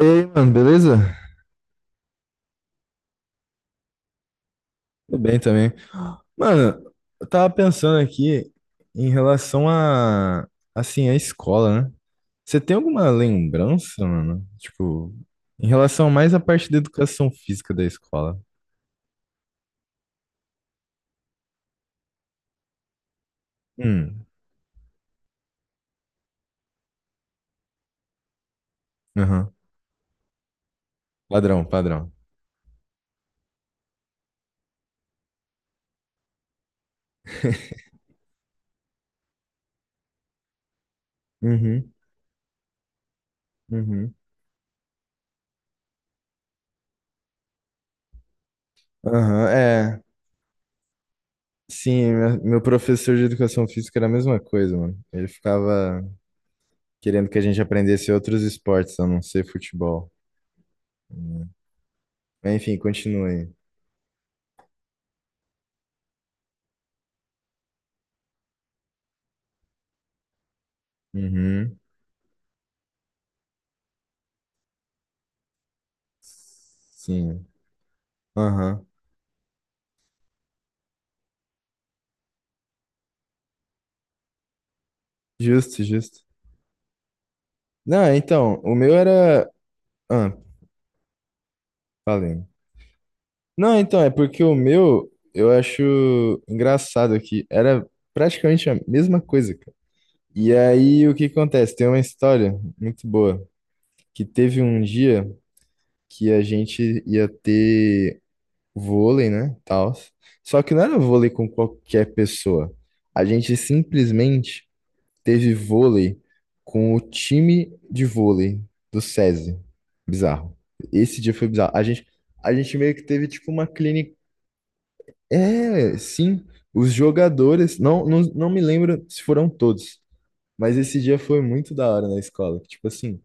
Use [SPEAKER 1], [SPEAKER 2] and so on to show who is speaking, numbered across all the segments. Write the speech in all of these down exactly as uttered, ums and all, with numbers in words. [SPEAKER 1] E aí, mano, beleza? Tudo bem também. Mano, eu tava pensando aqui em relação a, assim, a escola, né? Você tem alguma lembrança, mano? Tipo, em relação mais à parte da educação física da escola. Hum, aham. Padrão, padrão. Uhum, uhum. Aham, é. Sim, meu meu professor de educação física era a mesma coisa, mano. Ele ficava querendo que a gente aprendesse outros esportes, a não ser futebol. Mas, enfim, continue. Uhum. Sim. Aham. Justo, justo. Não, então, o meu era. Ah, falei. Não, então, é porque o meu eu acho engraçado que era praticamente a mesma coisa, cara. E aí o que acontece? Tem uma história muito boa que teve um dia que a gente ia ter vôlei, né? Tal. Só que não era vôlei com qualquer pessoa. A gente simplesmente teve vôlei com o time de vôlei do SESI. Bizarro. Esse dia foi bizarro. A gente, a gente meio que teve tipo uma clínica. É, sim, os jogadores. Não, não, não me lembro se foram todos, mas esse dia foi muito da hora na escola. Que, tipo assim,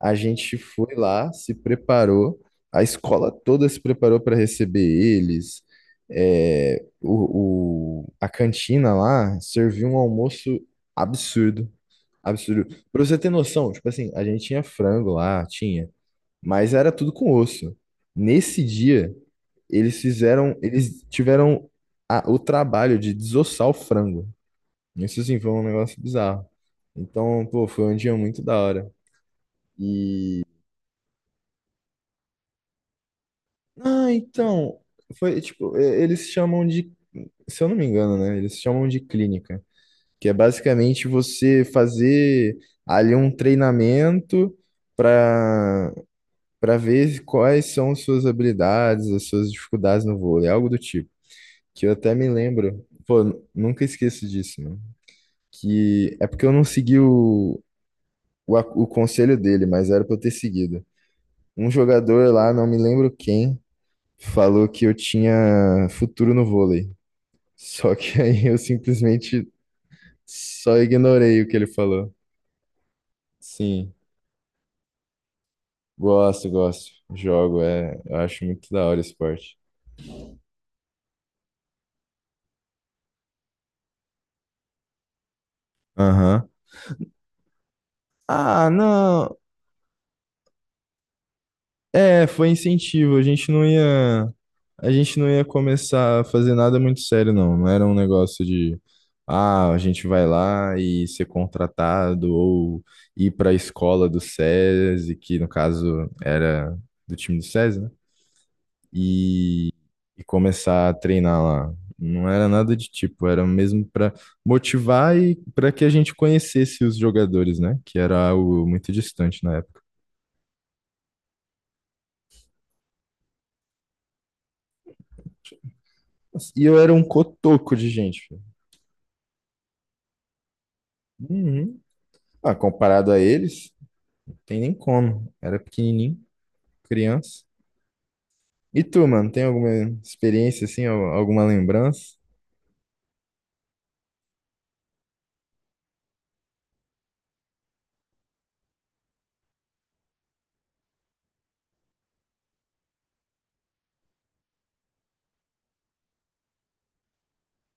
[SPEAKER 1] a gente foi lá, se preparou, a escola toda se preparou para receber eles. É, o, o, a cantina lá serviu um almoço absurdo. Absurdo. Pra você ter noção, tipo assim, a gente tinha frango lá, tinha, mas era tudo com osso. Nesse dia, eles fizeram, eles tiveram a- o trabalho de desossar o frango. Isso assim foi um negócio bizarro. Então, pô, foi um dia muito da hora. Ah, então, foi tipo, e- eles chamam de, se eu não me engano, né? Eles chamam de clínica, que é basicamente você fazer ali um treinamento para para ver quais são suas habilidades, as suas dificuldades no vôlei, algo do tipo. Que eu até me lembro, pô, n- nunca esqueço disso, mano. Que é porque eu não segui o, o, a- o conselho dele, mas era pra eu ter seguido. Um jogador lá, não me lembro quem, falou que eu tinha futuro no vôlei. Só que aí eu simplesmente só ignorei o que ele falou. Sim, gosto, gosto. Jogo, é, eu acho muito da hora o esporte. Aham. Ah, não. É, foi incentivo. A gente não ia, a gente não ia começar a fazer nada muito sério, não. Não era um negócio de, ah, a gente vai lá e ser contratado ou ir para a escola do SESI, que no caso era do time do SESI, né? E começar a treinar lá. Não era nada de tipo, era mesmo para motivar e para que a gente conhecesse os jogadores, né? Que era algo muito distante na época. E eu era um cotoco de gente, filho. Uhum. Ah, comparado a eles, não tem nem como. Era pequenininho, criança. E tu, mano, tem alguma experiência assim, al- alguma lembrança?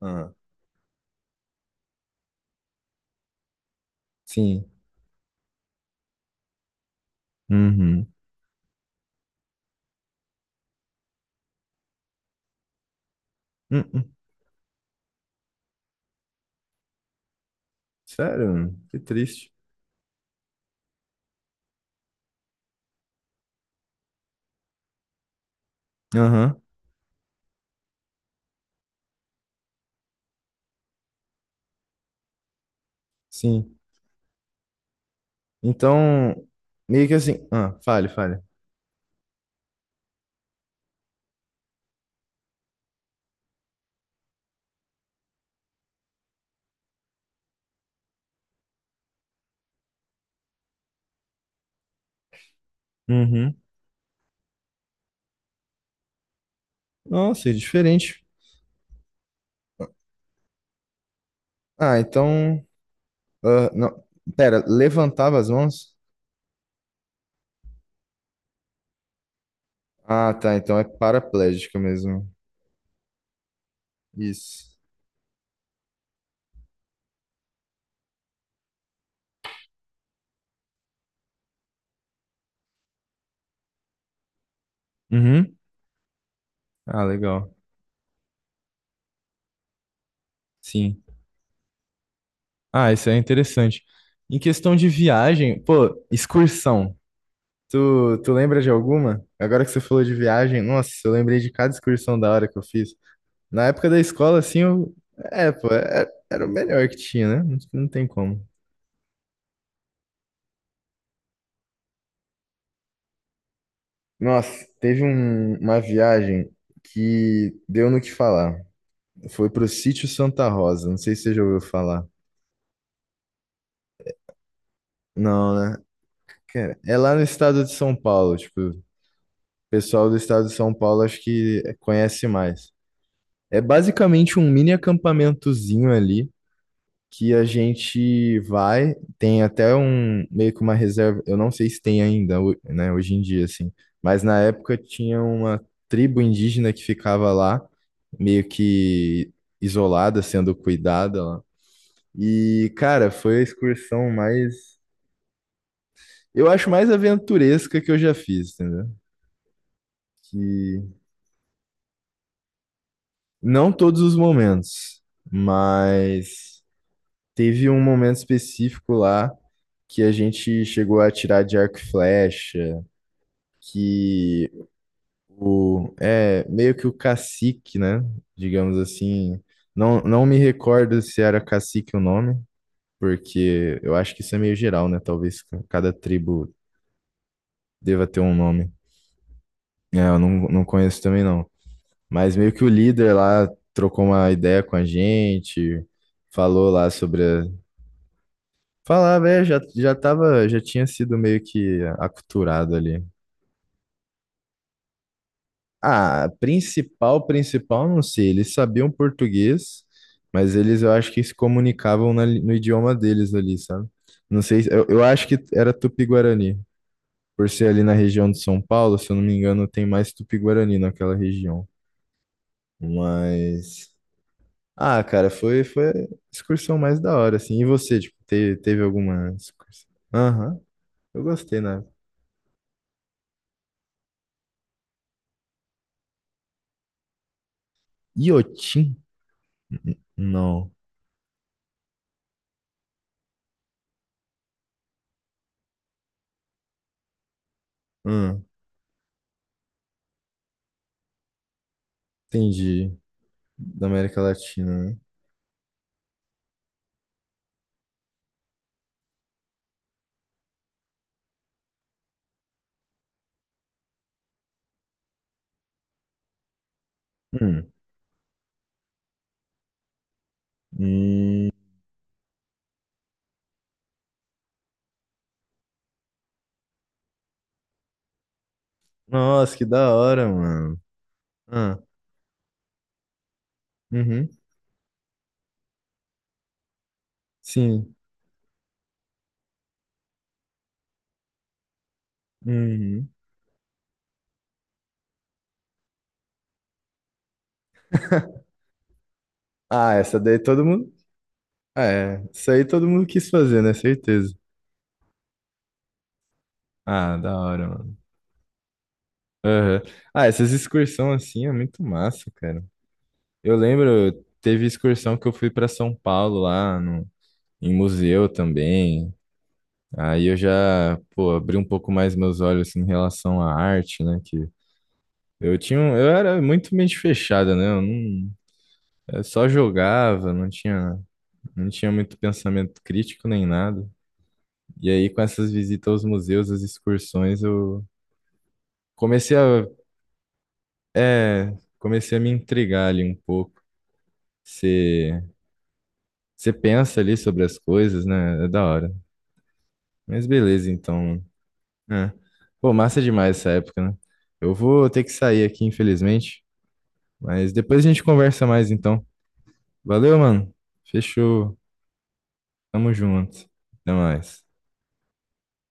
[SPEAKER 1] Ah, sim. Uhum. Uhum. Sério, mano? Que triste. Aham, sim. Então, meio que assim. Ah, fale, fale. Uhum. Nossa, é diferente. Ah, então. Ah, não. Pera, levantava as mãos? Ah, tá. Então é paraplégica mesmo. Isso. Uhum. Ah, legal. Sim. Ah, isso é interessante. Em questão de viagem, pô, excursão. Tu, tu lembra de alguma? Agora que você falou de viagem, nossa, eu lembrei de cada excursão da hora que eu fiz. Na época da escola, assim, eu. É, pô, é- era, o melhor que tinha, né? Não, não tem como. Nossa, teve um- uma viagem que deu no que falar. Foi pro Sítio Santa Rosa. Não sei se você já ouviu falar. Não, né? Cara, é lá no estado de São Paulo. Tipo, o pessoal do estado de São Paulo acho que conhece mais. É basicamente um mini acampamentozinho ali que a gente vai, tem até um meio que uma reserva, eu não sei se tem ainda, ho- né, hoje em dia assim, mas na época tinha uma tribo indígena que ficava lá, meio que isolada, sendo cuidada lá. E cara, foi a excursão mais, eu acho mais aventuresca que eu já fiz, entendeu? Que não todos os momentos, mas teve um momento específico lá que a gente chegou a tirar de arco e flecha, que o é meio que o cacique, né? Digamos assim, não, não me recordo se era cacique o nome, porque eu acho que isso é meio geral, né? Talvez cada tribo deva ter um nome. É, eu não, não conheço também não. Mas meio que o líder lá trocou uma ideia com a gente, falou lá sobre a- Falar, velho, já, já tava, já tinha sido meio que aculturado ali. Ah, principal, principal, não sei, eles sabiam português, mas eles, eu acho que se comunicavam na li- no idioma deles ali, sabe? Não sei, eu, eu acho que era Tupi-Guarani, por ser ali na região de São Paulo, se eu não me engano, tem mais Tupi-Guarani naquela região. Mas, ah, cara, foi, foi a excursão mais da hora, assim. E você, tipo, teve, teve alguma excursão? Aham, eu gostei, né? Iotim? Não. Hum, entendi. Da América Latina, né? Hum. Hum. Nossa, que da hora, mano. Ah, uhum. Sim. Uhum. Ah, essa daí todo mundo. Ah, é, isso aí todo mundo quis fazer, né? Certeza. Ah, da hora, mano. Aham. Ah, essas excursões assim é muito massa, cara. Eu lembro, teve excursão que eu fui pra São Paulo lá no, em museu também. Aí eu já, pô, abri um pouco mais meus olhos assim, em relação à arte, né? Eu tinha, um- eu era muito mente fechada, né? Eu não, eu só jogava, não tinha, não tinha muito pensamento crítico nem nada. E aí, com essas visitas aos museus, as excursões, eu comecei a, é, comecei a me intrigar ali um pouco. Você, você pensa ali sobre as coisas, né? É da hora. Mas beleza, então. É. Pô, massa demais essa época, né? Eu vou ter que sair aqui, infelizmente. Mas depois a gente conversa mais, então. Valeu, mano. Fechou. Tamo junto. Até mais.